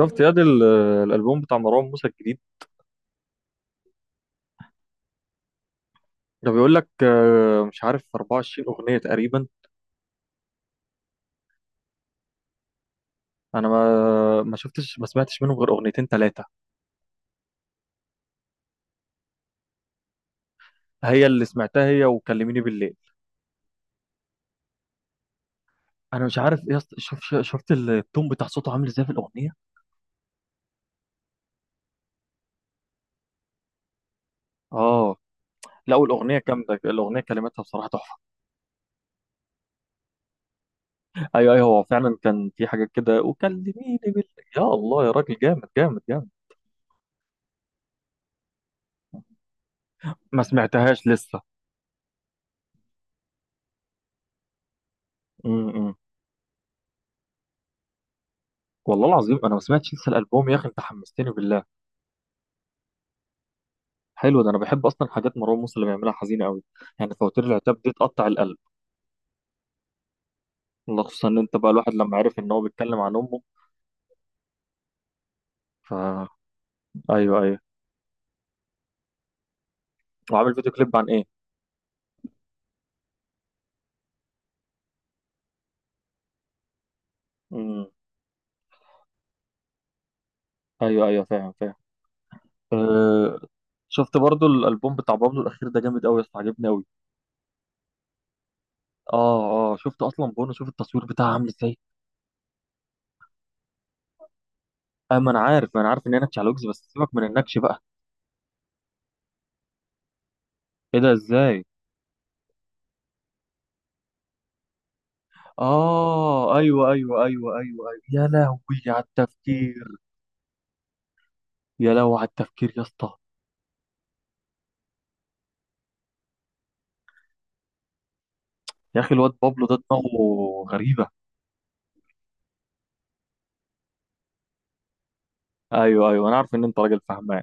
شفت ياد الالبوم بتاع مروان موسى الجديد. ده بيقول لك مش عارف 24 اغنيه تقريبا. انا ما شفتش ما سمعتش منهم غير اغنيتين ثلاثه. هي اللي سمعتها هي وكلميني بالليل. انا مش عارف يا اسطى، شفت التون بتاع صوته عامل ازاي في الاغنيه؟ اه، لا والاغنيه جامده، الاغنيه كلماتها بصراحه تحفه. ايوه ايوه، هو فعلا كان في حاجات كده وكلميني بالليل. يا الله يا راجل، جامد جامد جامد. ما سمعتهاش لسه. م -م. والله العظيم انا ما سمعتش لسه الالبوم يا اخي، انت حمستني بالله. حلو، ده انا بحب اصلا حاجات مروان موسى اللي بيعملها حزينه قوي. يعني فواتير العتاب دي تقطع القلب. والله خصوصا ان انت بقى الواحد لما عرف ان هو بيتكلم عن امه. ف ايوه ايوه. وعامل فيديو كليب عن ايه؟ امم ايوه ايوه، فاهم فاهم. أه. شفت برضو الالبوم بتاع بابلو الاخير ده جامد قوي يا اسطى، عجبني قوي. اه اه، شفت اصلا بونو؟ شوف التصوير بتاعها عامل ازاي. آه ما انا عارف، ما انا عارف ان هي نكش على وجز، بس سيبك من النكش بقى. ايه ده؟ ازاي؟ اه ايوه ايوه ايوه ايوه ايوه يا لهوي. على التفكير. يا لهوي على التفكير يا اسطى. يا اخي الواد بابلو ده دماغه غريبه. ايوه ايوه، انا عارف ان انت راجل فهمان.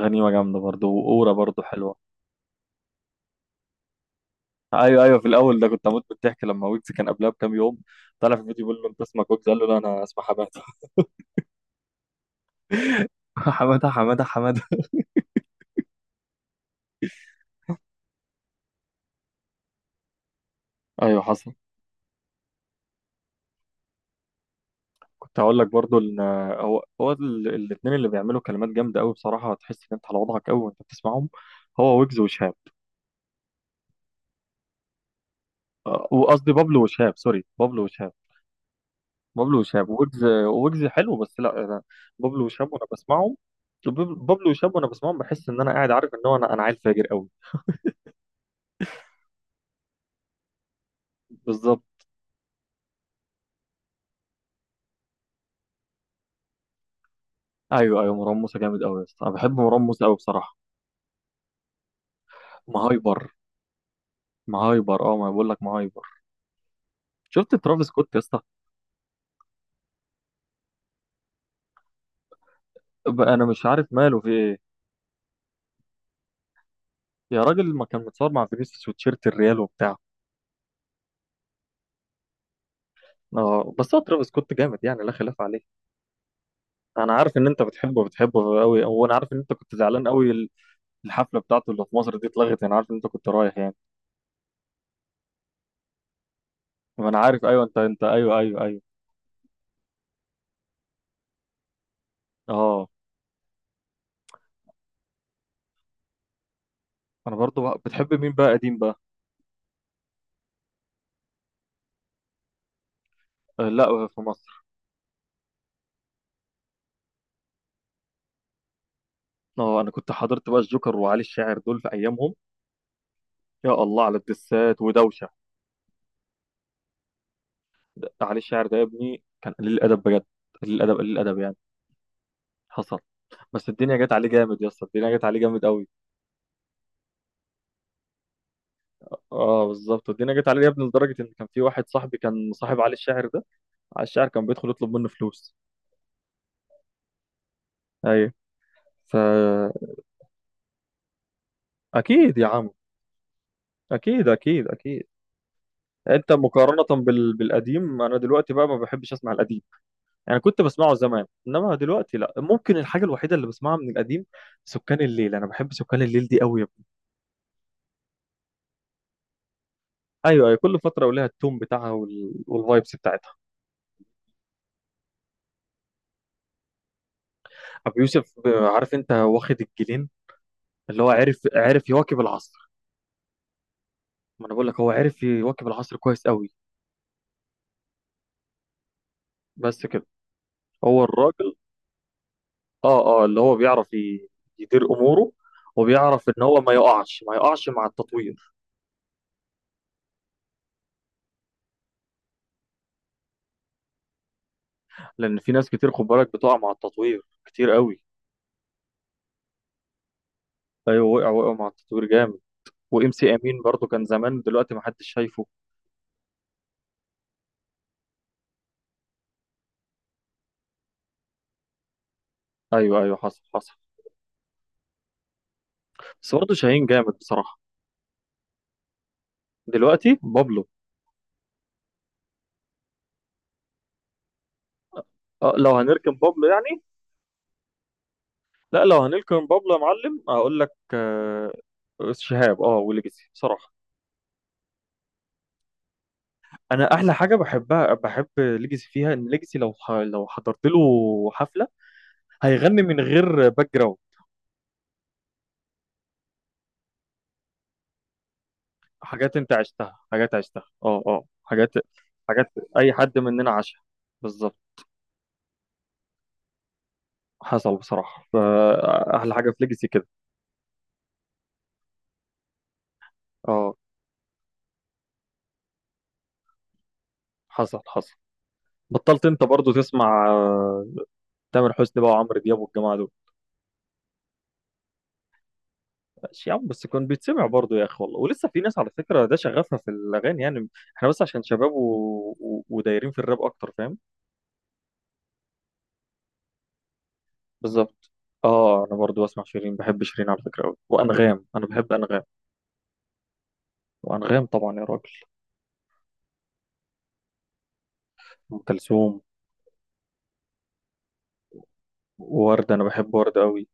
غنيمه جامده برضه، واورا برضه حلوه. ايوه ايوه، في الاول ده كنت هموت من الضحك لما ويجز كان قبلها بكام يوم طلع في الفيديو بيقول له: انت اسمك ويجز؟ قال له: لا انا اسمي حماده. حماده حماده حماده. ايوه حصل. كنت هقول لك برضه ان هو الاثنين اللي بيعملوا كلمات جامده قوي بصراحه، تحس ان انت على وضعك قوي وانت بتسمعهم. هو ويجز وشهاب. وقصدي بابلو وشهاب، سوري، بابلو وشهاب. بابلو وشاب، ويجز ويجز حلو بس لا أنا بابلو وشاب، وانا بسمعهم بابلو وشاب، وانا بسمعهم بحس ان انا قاعد عارف ان هو انا عيل فاجر قوي. بالظبط. ايوه ايوه، مروان موسى جامد قوي يا اسطى، انا بحب مروان موسى قوي بصراحه. مهايبر. مهايبر، اه ما بقول لك مهايبر. شفت ترافيس سكوت يا اسطى؟ بقى انا مش عارف ماله في ايه. يا راجل ما كان متصور مع فينيسيوس وتيشيرت الريال وبتاع. اه بس هو ترافيس سكوت جامد يعني، لا خلاف عليه. انا عارف ان انت بتحبه بتحبه قوي، وانا عارف ان انت كنت زعلان قوي. الحفله بتاعته اللي في مصر دي اتلغت، انا عارف ان انت كنت رايح يعني. ما انا عارف، ايوه انت ايوه ايوه ايوه. اه، انا برضو بقى بتحب مين بقى قديم بقى؟ آه لا، في مصر. اه انا كنت حضرت بقى الجوكر وعلي الشاعر دول في ايامهم. يا الله على الدسات ودوشه. علي الشاعر ده يا ابني كان قليل الادب بجد. قليل الادب قليل الادب يعني. حصل. بس الدنيا جت عليه جامد يا اسطى، الدنيا جت عليه جامد قوي. اه بالظبط، الدنيا جت عليه يا ابني لدرجه ان كان في واحد صاحبي كان صاحب علي الشاعر ده. علي الشاعر كان بيدخل يطلب منه فلوس. ايوه، فاكيد. يا عم اكيد اكيد اكيد. انت مقارنة بال... بالقديم، انا دلوقتي بقى ما بحبش اسمع القديم. يعني كنت بسمعه زمان انما دلوقتي لا. ممكن الحاجة الوحيدة اللي بسمعها من القديم سكان الليل، انا بحب سكان الليل دي قوي. ايوه ايوه، كل فترة ولها التون بتاعها وال... والفايبس بتاعتها. ابو يوسف عارف انت واخد الجنين اللي هو عرف، عرف يواكب العصر. ما انا بقول لك هو عرف يواكب العصر كويس قوي. بس كده. هو الراجل. اه اه، اللي هو بيعرف يدير اموره، وبيعرف ان هو ما يقعش ما يقعش مع التطوير. لان في ناس كتير خد بالك بتقع مع التطوير كتير قوي. ايوه، وقع وقع مع التطوير جامد. وام سي امين برضو كان زمان، دلوقتي ما حدش شايفه. ايوه ايوه، حصل حصل. بس برضو شاهين جامد بصراحه. دلوقتي بابلو. أه لو هنركن بابلو يعني. لا لو هنركن بابلو يا معلم هقول لك شهاب، اه، وليجاسي بصراحه. انا احلى حاجه بحبها بحب ليجاسي فيها ان ليجاسي لو لو حضرت له حفله هيغني من غير باك جراوند. حاجات انت عشتها، حاجات عشتها اه اه، حاجات، حاجات اي حد مننا عاشها. بالظبط. حصل بصراحة، فأحلى حاجة في ليجاسي كده. اه. حصل حصل. بطلت انت برضو تسمع تامر حسني بقى وعمرو دياب والجماعة دول. ماشي يا عم، بس كان بيتسمع برضو يا اخي والله، ولسه في ناس على فكرة ده شغفها في الأغاني يعني. احنا بس عشان شباب و... و... ودايرين في الراب أكتر، فاهم. بالظبط. اه انا برضو بسمع شيرين، بحب شيرين على فكرة أوي، وأنغام انا بحب أنغام. وأنغام طبعا يا راجل. أم كلثوم. ورد، انا بحب ورد قوي.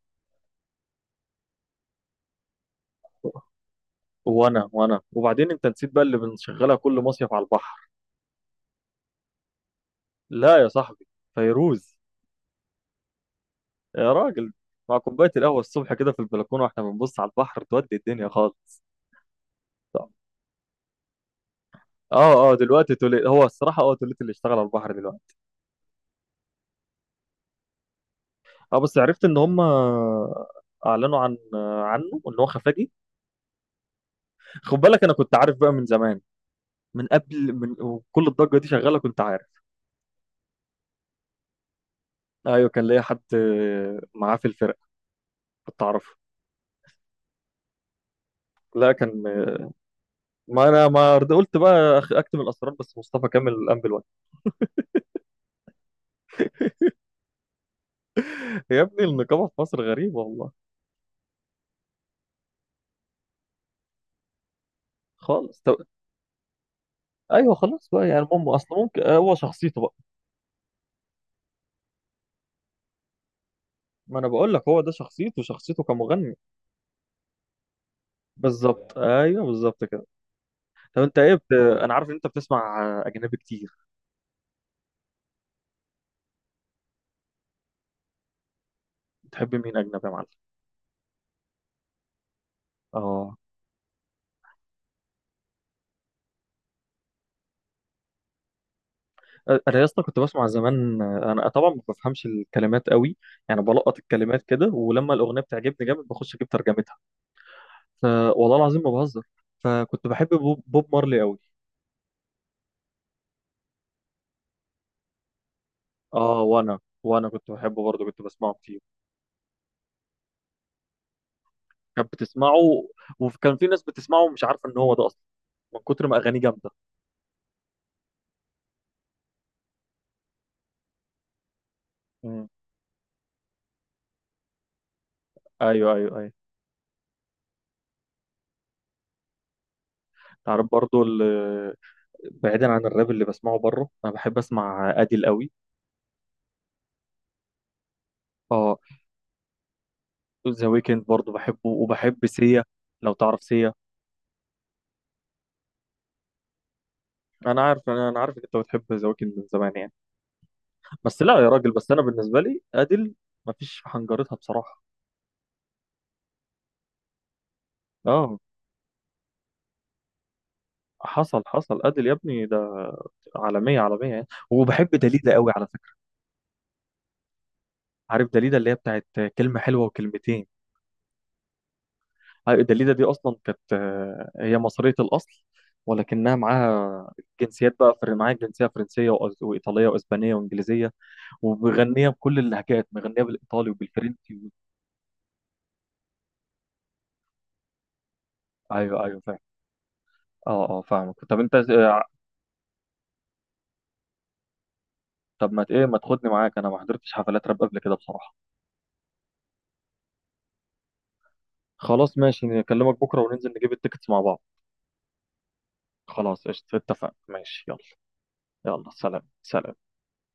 وانا وبعدين انت نسيت بقى اللي بنشغلها كل مصيف على البحر. لا يا صاحبي، فيروز. يا راجل، مع كوبايه القهوه الصبح كده في البلكونه واحنا بنبص على البحر، تودي الدنيا خالص. طب. اه اه دلوقتي توليت، هو الصراحه اه توليت اللي اشتغل على البحر دلوقتي. اه بس عرفت ان هم اعلنوا عنه ان هو خفاجي. خد بالك انا كنت عارف بقى من زمان، من قبل من وكل الضجه دي شغاله كنت عارف. ايوه كان ليا حد معاه في الفرقه كنت اعرفه. لا كان، ما انا ما رد- قلت بقى اكتم الاسرار، بس مصطفى كامل قام بالواجب. يا ابني النقابه في مصر غريبه والله. خالص، طب ايوه خلاص بقى يعني مم اصل ممكن هو شخصيته بقى. ما انا بقول لك هو ده شخصيته، شخصيته كمغني. بالظبط، ايوه بالظبط كده. طب انت ايه انا عارف ان انت بتسمع اجنبي كتير، بتحب مين اجنبي يا معلم؟ اه انا يا اسطى كنت بسمع زمان، انا طبعا ما بفهمش الكلمات قوي، يعني بلقط الكلمات كده ولما الاغنيه بتعجبني جامد بخش اجيب ترجمتها. ف... والله العظيم ما بهزر. فكنت بحب بوب مارلي قوي. اه وانا وانا كنت بحبه برضه، كنت بسمعه كتير. كانت بتسمعه. وكان في ناس بتسمعه ومش عارفه ان هو ده اصلا، من كتر ما اغانيه جامده. مم. ايوه ايوه ايوه. تعرف برضه بعيدا عن الراب اللي بسمعه بره، انا بحب اسمع اديل قوي. اه ذا ويكند برضه بحبه، وبحب سيا، لو تعرف سيا. انا عارف، انا أنا عارف إن انت بتحب ذا ويكند من زمان يعني. بس لا يا راجل، بس انا بالنسبه لي اديل مفيش حنجرتها بصراحه. اه حصل حصل. أديل يا ابني ده عالمية عالمية يعني. وبحب دليدا قوي على فكرة. عارف دليدا اللي هي بتاعت كلمة حلوة وكلمتين؟ عارف دليدا دي أصلا كانت هي مصرية الأصل، ولكنها معاها جنسيات بقى معاها جنسية فرنسية وإيطالية وإسبانية وإنجليزية، ومغنية بكل اللهجات، مغنية بالإيطالي وبالفرنسي و... أيوه أيوه فاهم. أه أه فاهمك. طب أنت طب ما ت- إيه ما تاخدني معاك؟ أنا ما حضرتش حفلات راب قبل كده بصراحة. خلاص ماشي، نكلمك بكرة وننزل نجيب التيكتس مع بعض. خلاص قشطة، اتفقنا ماشي يلا. يلا سلام. سلام.